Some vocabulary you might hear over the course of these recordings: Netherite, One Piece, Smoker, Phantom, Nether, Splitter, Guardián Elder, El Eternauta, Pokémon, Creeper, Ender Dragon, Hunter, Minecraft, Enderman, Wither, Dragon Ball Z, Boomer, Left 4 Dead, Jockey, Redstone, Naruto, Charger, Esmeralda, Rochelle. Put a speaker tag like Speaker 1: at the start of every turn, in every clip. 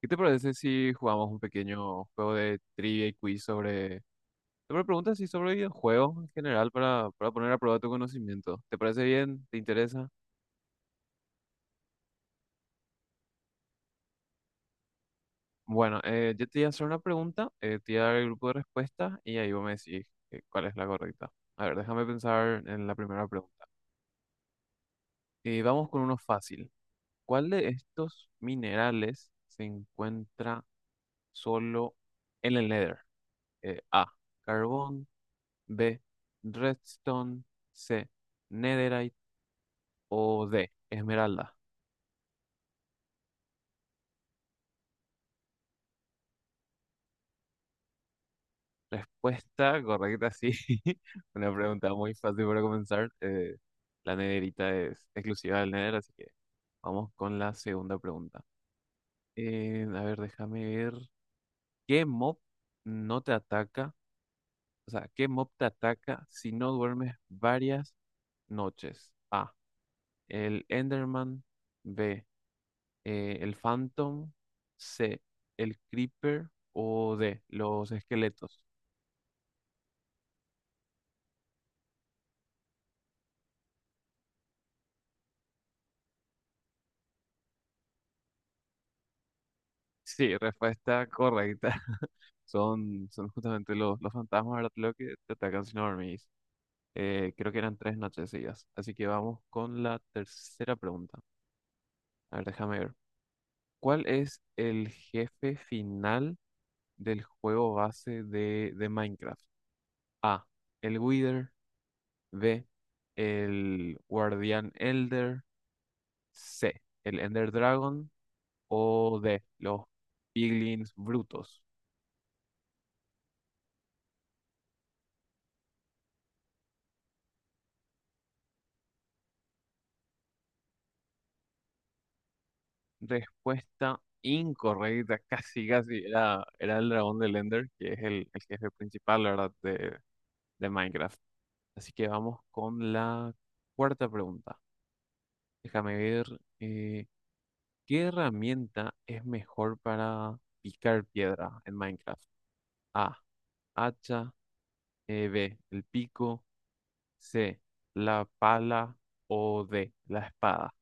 Speaker 1: ¿Qué te parece si jugamos un pequeño juego de trivia y quiz sobre preguntas y sobre videojuegos en general para poner a prueba tu conocimiento? ¿Te parece bien? ¿Te interesa? Bueno, yo te voy a hacer una pregunta, te voy a dar el grupo de respuestas y ahí vos me decís, cuál es la correcta. A ver, déjame pensar en la primera pregunta. Vamos con uno fácil. ¿Cuál de estos minerales se encuentra solo en el Nether? A, carbón. B, Redstone. C, Netherite. O D, Esmeralda. Respuesta correcta, sí. Una pregunta muy fácil para comenzar. La nederita es exclusiva del Nether, así que vamos con la segunda pregunta. A ver, déjame ver. ¿Qué mob no te ataca? O sea, ¿qué mob te ataca si no duermes varias noches? A, el Enderman. B, el Phantom. C, el Creeper. O D, los esqueletos. Sí, respuesta correcta. Son justamente los fantasmas, ¿verdad? Lo que te atacan si no dormís. Creo que eran tres noches seguidas. Así que vamos con la tercera pregunta. A ver, déjame ver. ¿Cuál es el jefe final del juego base de Minecraft? A, el Wither. B, el Guardián Elder. C, el Ender Dragon. O D, los piglins brutos. Respuesta incorrecta, casi casi era, era el dragón de Ender, que es el jefe principal, la verdad, de Minecraft. Así que vamos con la cuarta pregunta. Déjame ver. eh, ¿Qué herramienta es mejor para picar piedra en Minecraft? A, hacha. B, el pico. C, la pala. O D, la espada.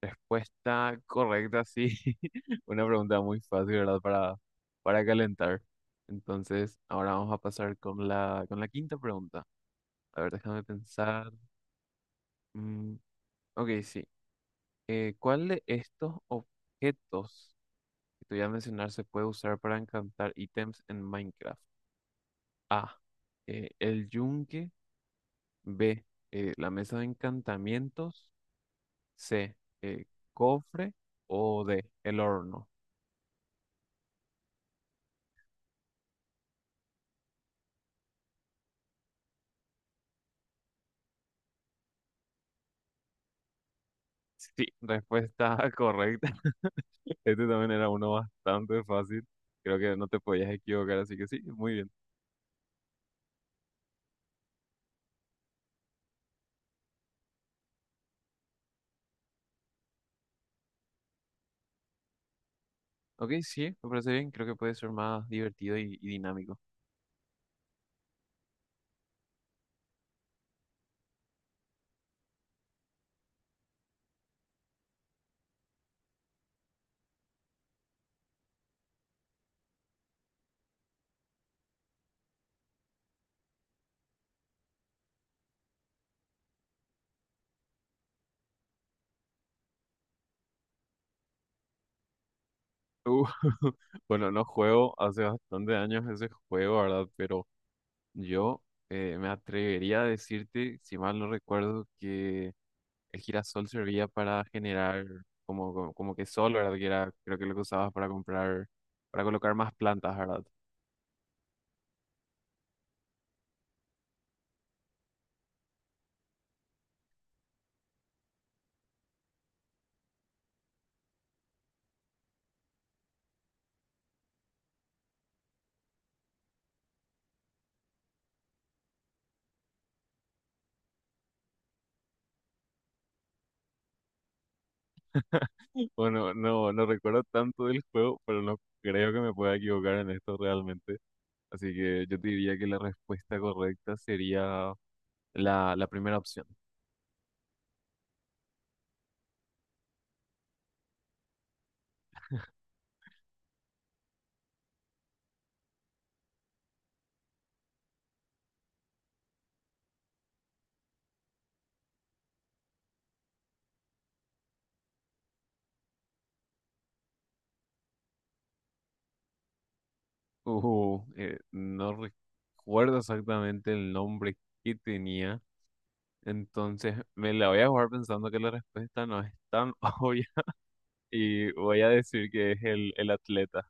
Speaker 1: Respuesta correcta, sí. Una pregunta muy fácil, ¿verdad? Para calentar. Entonces, ahora vamos a pasar con la quinta pregunta. A ver, déjame pensar. Mm, ok, sí. ¿Cuál de estos objetos que te voy a mencionar se puede usar para encantar ítems en Minecraft? A, el yunque. B, la mesa de encantamientos. C, eh, cofre. O D, el horno. Sí, respuesta correcta. Este también era uno bastante fácil. Creo que no te podías equivocar, así que sí, muy bien. Ok, sí, me parece bien. Creo que puede ser más divertido y dinámico. Uh, bueno, no juego hace bastante años ese juego, ¿verdad? Pero yo, me atrevería a decirte, si mal no recuerdo, que el girasol servía para generar como que sol, ¿verdad? Que era, creo que lo que usabas para comprar, para colocar más plantas, ¿verdad? Bueno, no, no recuerdo tanto del juego, pero no creo que me pueda equivocar en esto realmente. Así que yo te diría que la respuesta correcta sería la primera opción. No recuerdo exactamente el nombre que tenía, entonces me la voy a jugar pensando que la respuesta no es tan obvia y voy a decir que es el atleta.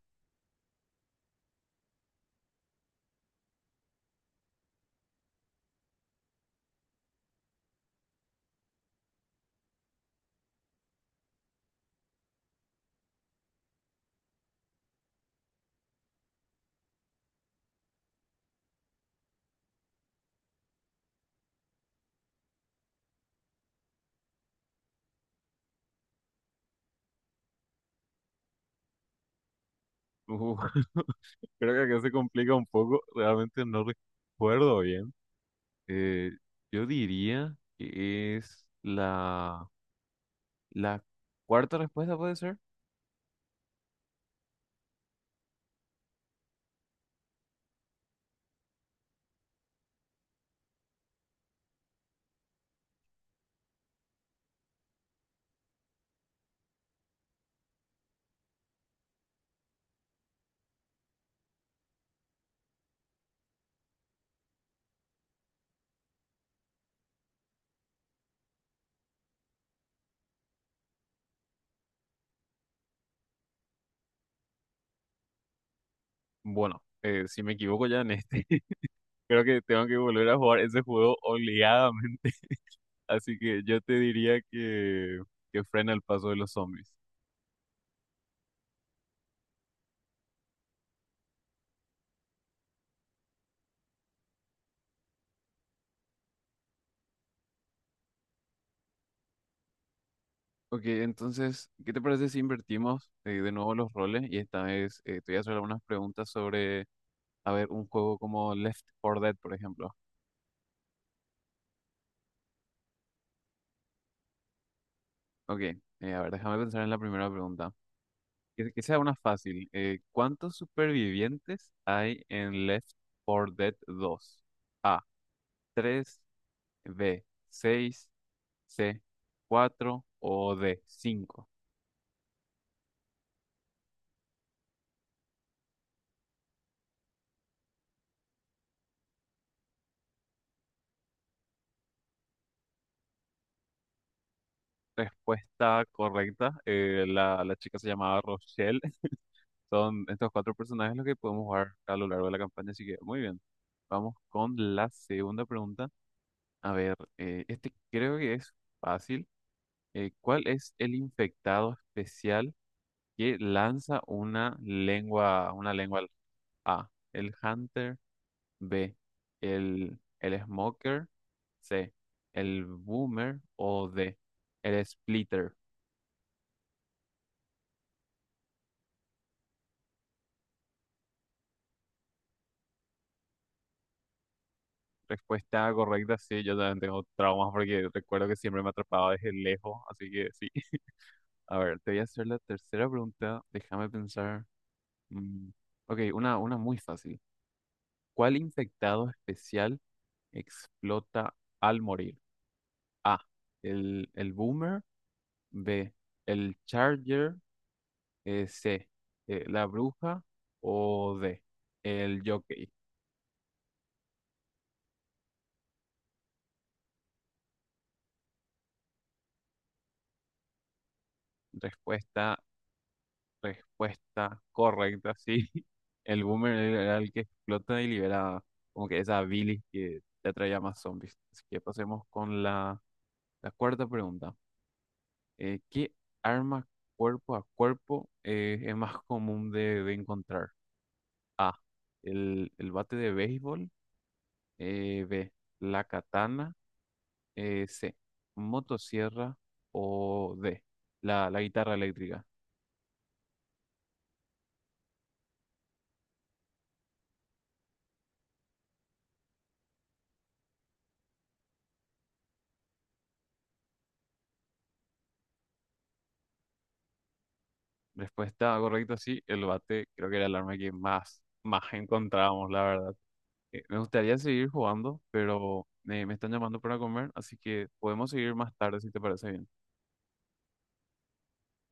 Speaker 1: Uh, creo que acá se complica un poco, realmente no recuerdo bien. Eh, yo diría que es la cuarta respuesta, ¿puede ser? Bueno, si me equivoco ya en este, creo que tengo que volver a jugar ese juego obligadamente. Así que yo te diría que frena el paso de los zombies. Ok, entonces, ¿qué te parece si invertimos, de nuevo los roles? Y esta vez, te voy a hacer algunas preguntas sobre, a ver, un juego como Left 4 Dead, por ejemplo. Ok, a ver, déjame pensar en la primera pregunta. Que sea una fácil. ¿Cuántos supervivientes hay en Left 4 Dead 2? A, tres. B, seis. C, cuatro. O D, cinco. Respuesta correcta. La chica se llamaba Rochelle. Son estos cuatro personajes los que podemos jugar a lo largo de la campaña, así que muy bien. Vamos con la segunda pregunta. A ver, este creo que es fácil. ¿Cuál es el infectado especial que lanza una lengua al-? A, el Hunter. B, el Smoker. C, el Boomer. O D, el Splitter. Respuesta correcta, sí, yo también tengo traumas porque recuerdo que siempre me atrapaba desde lejos, así que sí. A ver, te voy a hacer la tercera pregunta. Déjame pensar. Mm, ok, una muy fácil. ¿Cuál infectado especial explota al morir? A, el Boomer. B, el Charger. C, la bruja. O D, el jockey. Respuesta, Respuesta correcta, sí. El Boomer era el que explota y libera como que esa bilis que te atraía más zombies. Así que pasemos con la cuarta pregunta. ¿Qué arma cuerpo a cuerpo, es más común de encontrar? A, el bate de béisbol. B, la katana. C, motosierra. O D, la guitarra eléctrica. Respuesta correcta, sí, el bate creo que era el arma que más encontrábamos, la verdad. Me gustaría seguir jugando, pero, me están llamando para comer, así que podemos seguir más tarde si te parece bien.